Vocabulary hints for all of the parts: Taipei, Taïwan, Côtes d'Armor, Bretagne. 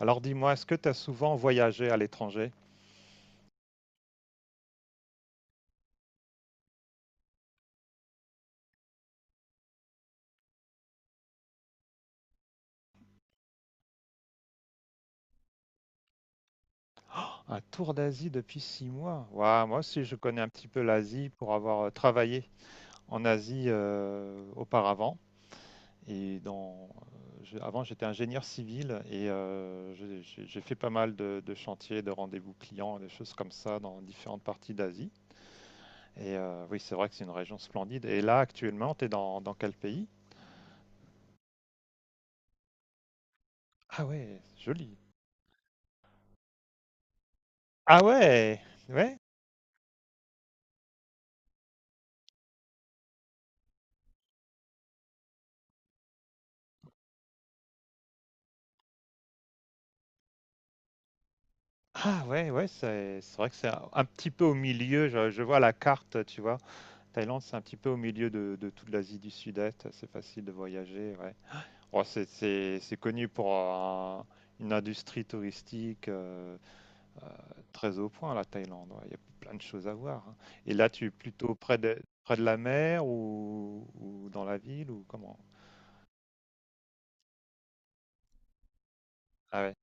Alors dis-moi, est-ce que tu as souvent voyagé à l'étranger? Un tour d'Asie depuis six mois. Ouah, moi aussi, je connais un petit peu l'Asie pour avoir travaillé en Asie auparavant. Et avant, j'étais ingénieur civil et j'ai fait pas mal de chantiers, de rendez-vous clients, des choses comme ça dans différentes parties d'Asie. Et oui, c'est vrai que c'est une région splendide. Et là, actuellement, tu es dans quel pays? Ah ouais, joli. Ah ouais, ouais. Ah ouais, ouais, c'est vrai que c'est un petit peu au milieu. Je vois la carte, tu vois. Thaïlande, c'est un petit peu au milieu de toute l'Asie du Sud-Est. C'est facile de voyager, ouais. Bon, c'est connu pour une industrie touristique euh, très au point, la Thaïlande. Ouais. Il y a plein de choses à voir, hein. Et là, tu es plutôt près près de la mer ou dans la ville ou comment? Ah ouais,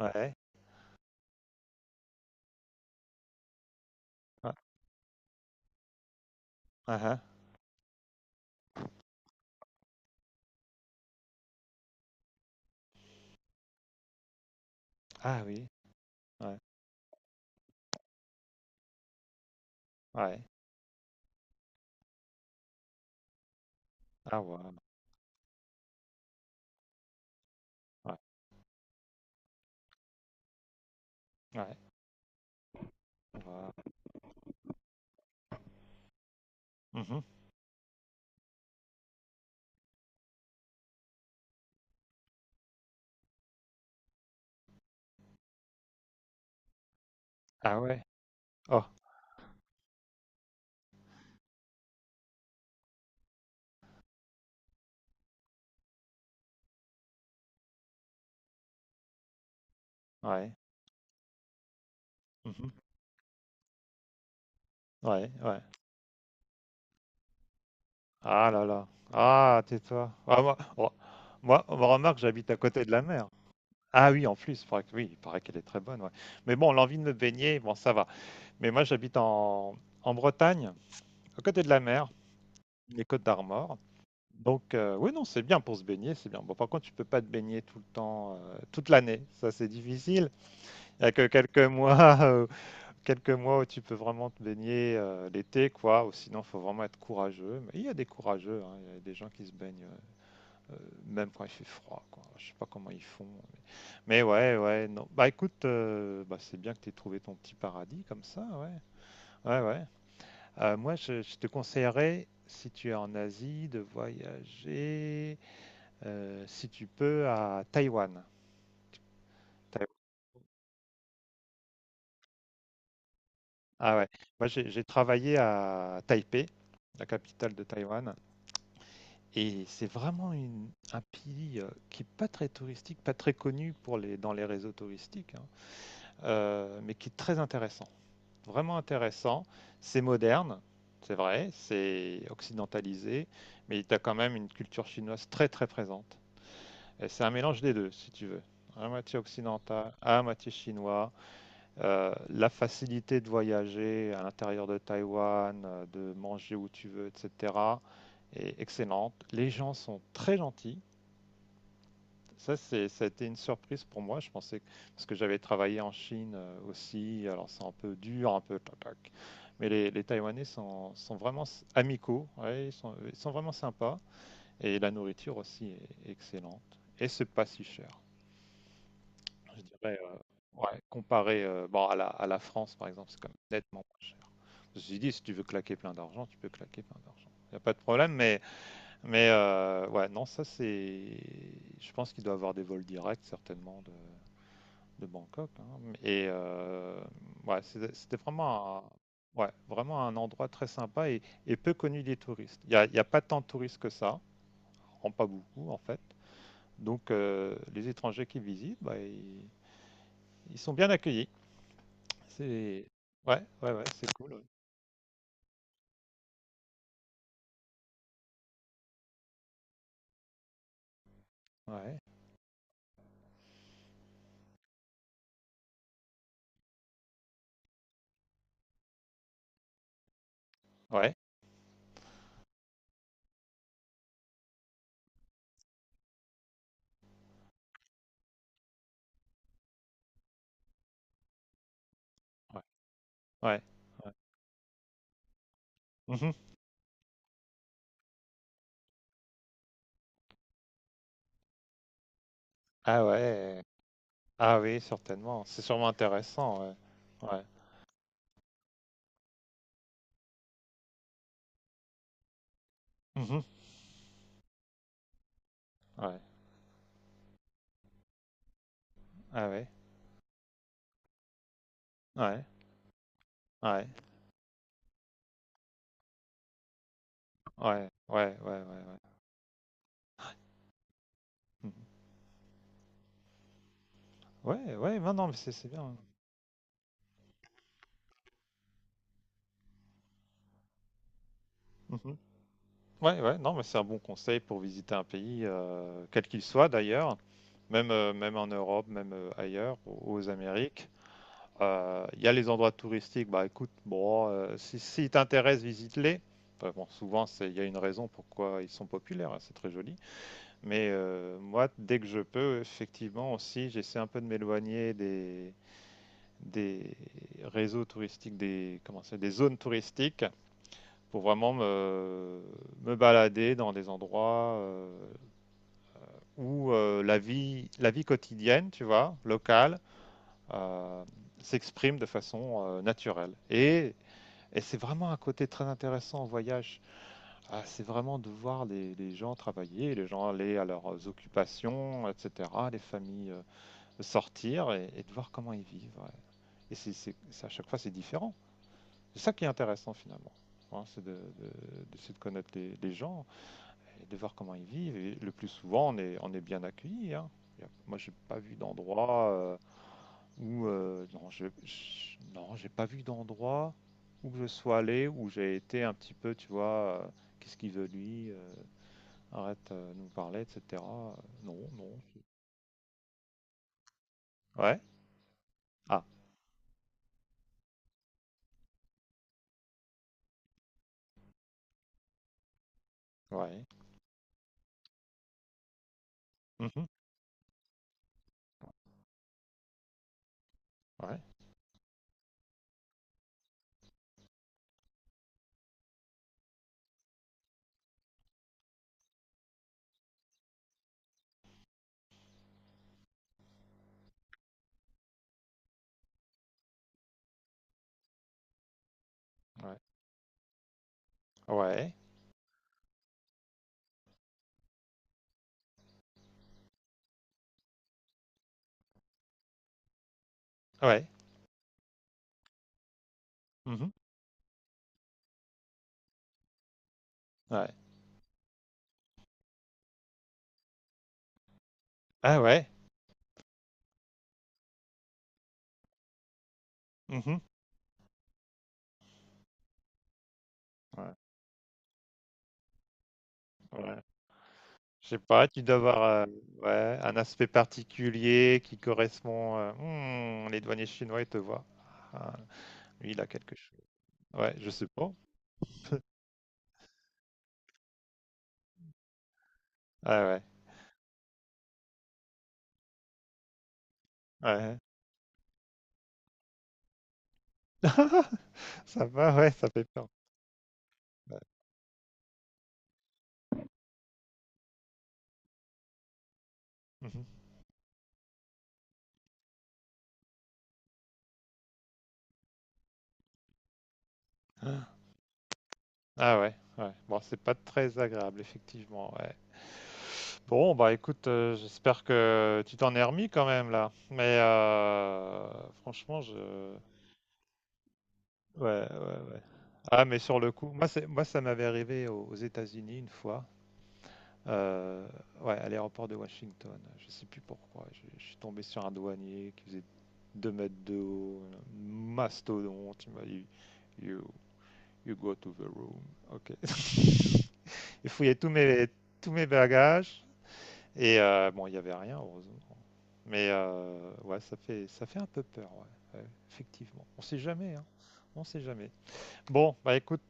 ouais, ouais. Ah, ah. Ah oui, ouais, ouais. Ah ouais, ouais, ouais, ouais. Mhm. Ah ouais. Ah, ouais. Mhm. Ouais, ouais. Ah là là. Ah, tais-toi. Ah, moi, oh, moi, on remarque, j'habite à côté de la mer. Ah oui, en plus, il paraît que- oui, il paraît qu'elle est très bonne, ouais. Mais bon, l'envie de me baigner, bon, ça va. Mais moi, j'habite en Bretagne, à côté de la mer, les Côtes d'Armor. Donc, oui, non, c'est bien pour se baigner, c'est bien. Bon, par contre, tu peux pas te baigner tout le temps, toute l'année. Ça, c'est difficile. Il y a que quelques mois quelques mois où tu peux vraiment te baigner l'été, quoi. Ou sinon, faut vraiment être courageux. Mais il y a des courageux, hein. Il y a des gens qui se baignent euh, même quand il fait froid, quoi. Je sais pas comment ils font. Mais, mais ouais, ouais, non. Bah écoute, bah, c'est bien que tu aies trouvé ton petit paradis comme ça, ouais. Ouais, ouais. Moi, je te conseillerais, si tu es en Asie, de voyager, si tu peux, à Taïwan. Taï- Ah ouais. Moi, j'ai travaillé à Taipei, la capitale de Taïwan. Et c'est vraiment une un pays, qui est pas très touristique, pas très connu pour les dans les réseaux touristiques, hein, mais qui est très intéressant, vraiment intéressant. C'est moderne, c'est vrai, c'est occidentalisé, mais tu as quand même une culture chinoise très, très présente et c'est un mélange des 2, si tu veux. À moitié occidental, à moitié chinois, la facilité de voyager à l'intérieur de Taïwan, de manger où tu veux et cetera est excellente. Les gens sont très gentils. Ça a été une surprise pour moi. Parce que j'avais travaillé en Chine aussi, alors c'est un peu dur, un peu tac, tac. Mais les Taïwanais sont vraiment amicaux, ouais, ils sont vraiment sympas. Et la nourriture aussi est excellente. Et c'est pas si cher. Je dirais, ouais, comparé bon, à à la France, par exemple, c'est quand même nettement moins cher. Je me suis dit, si tu veux claquer plein d'argent, tu peux claquer plein d'argent. Il n'y a pas de problème, mais ouais, non, ça c'est. Je pense qu'il doit avoir des vols directs, certainement, de Bangkok, hein. Et ouais, c'était vraiment, un, ouais, vraiment un endroit très sympa et peu connu des touristes. Il y a pas tant de touristes que ça, en pas beaucoup en fait. Donc les étrangers qui visitent, bah, ils sont bien accueillis. C'est ouais, ouais, ouais, c'est cool. Ouais, ouais, ouais, ouais. Ouais. Mhm. Ah ouais, ah oui, certainement. C'est sûrement intéressant. Ouais, ouais. Mhm. Ouais, ah ouais, ouais, ouais, ouais, ouais, ouais, ouais, ouais, ouais. Mmh. Ouais, ouais, non, non, mais c'est bien. Mhm. Ouais, ouais, non, mais c'est un bon conseil pour visiter un pays, quel qu'il soit d'ailleurs, même, même en Europe, même ailleurs, aux Amériques. Il y a les endroits touristiques, bah écoute, bon, si t'intéresse, visite-les. Enfin, bon, souvent, il y a une raison pourquoi ils sont populaires, hein, c'est très joli. Mais moi, dès que je peux, effectivement, aussi, j'essaie un peu de m'éloigner des réseaux touristiques, des, comment c'est, des zones touristiques pour vraiment me balader dans des endroits où la vie quotidienne, tu vois, locale, euh, s'exprime de façon naturelle. Et c'est vraiment un côté très intéressant en voyage. Ah, c'est vraiment de voir les gens travailler, les gens aller à leurs occupations, etc., les familles sortir et de voir comment ils vivent, ouais. Et c'est, à chaque fois, c'est différent. C'est ça qui est intéressant finalement. Hein, c'est d'essayer de connaître les gens et de voir comment ils vivent. Et le plus souvent, on est bien accueilli, hein. Moi, j'ai pas vu d'endroit où non, non, j'ai pas vu d'endroit où que je sois allé où j'ai été un petit peu, tu vois, qu'est-ce qu'il veut lui, arrête de nous parler, etc. Non, non, c'est- Ouais. Ah, ouais. Mhm. Ouais. Ouais. Ouais. Ouais. Mhm. Ouais. Ah ouais. Mhm. Ouais. Ouais. Je sais pas, tu dois avoir ouais, un aspect particulier qui correspond. Les douaniers chinois, ils te voient. Ah, lui, il a quelque chose. Ouais, je sais pas. Ah ouais, ouais. Ça va, ouais, ça fait peur. Ouais. Mhm. Ah ouais, ouais. Bon, c'est pas très agréable, effectivement. Ouais. Bon, bah écoute, j'espère que tu t'en es remis quand même là. Mais franchement, je. Ouais, ouais, ouais. Ah, mais sur le coup, moi, ça m'avait arrivé aux États-Unis une fois. Euh, ouais, à l'aéroport de Washington. Je sais plus pourquoi. Je suis tombé sur un douanier qui faisait 2 mètres de haut, un mastodonte. Il m'a dit you, you go to the room. Ok. Il fouillait tous mes bagages. Et bon, il n'y avait rien, heureusement. Mais ouais, ça fait un peu peur, ouais. Ouais, effectivement. On ne sait jamais, hein. On sait jamais. Bon, bah écoute,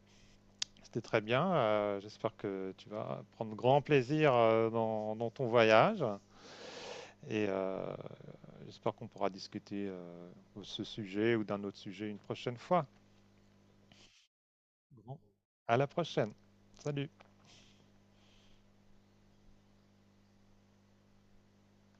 c'était très bien. J'espère que tu vas prendre grand plaisir dans ton voyage. Et j'espère qu'on pourra discuter de ce sujet ou d'un autre sujet une prochaine fois. Grand. À la prochaine. Salut.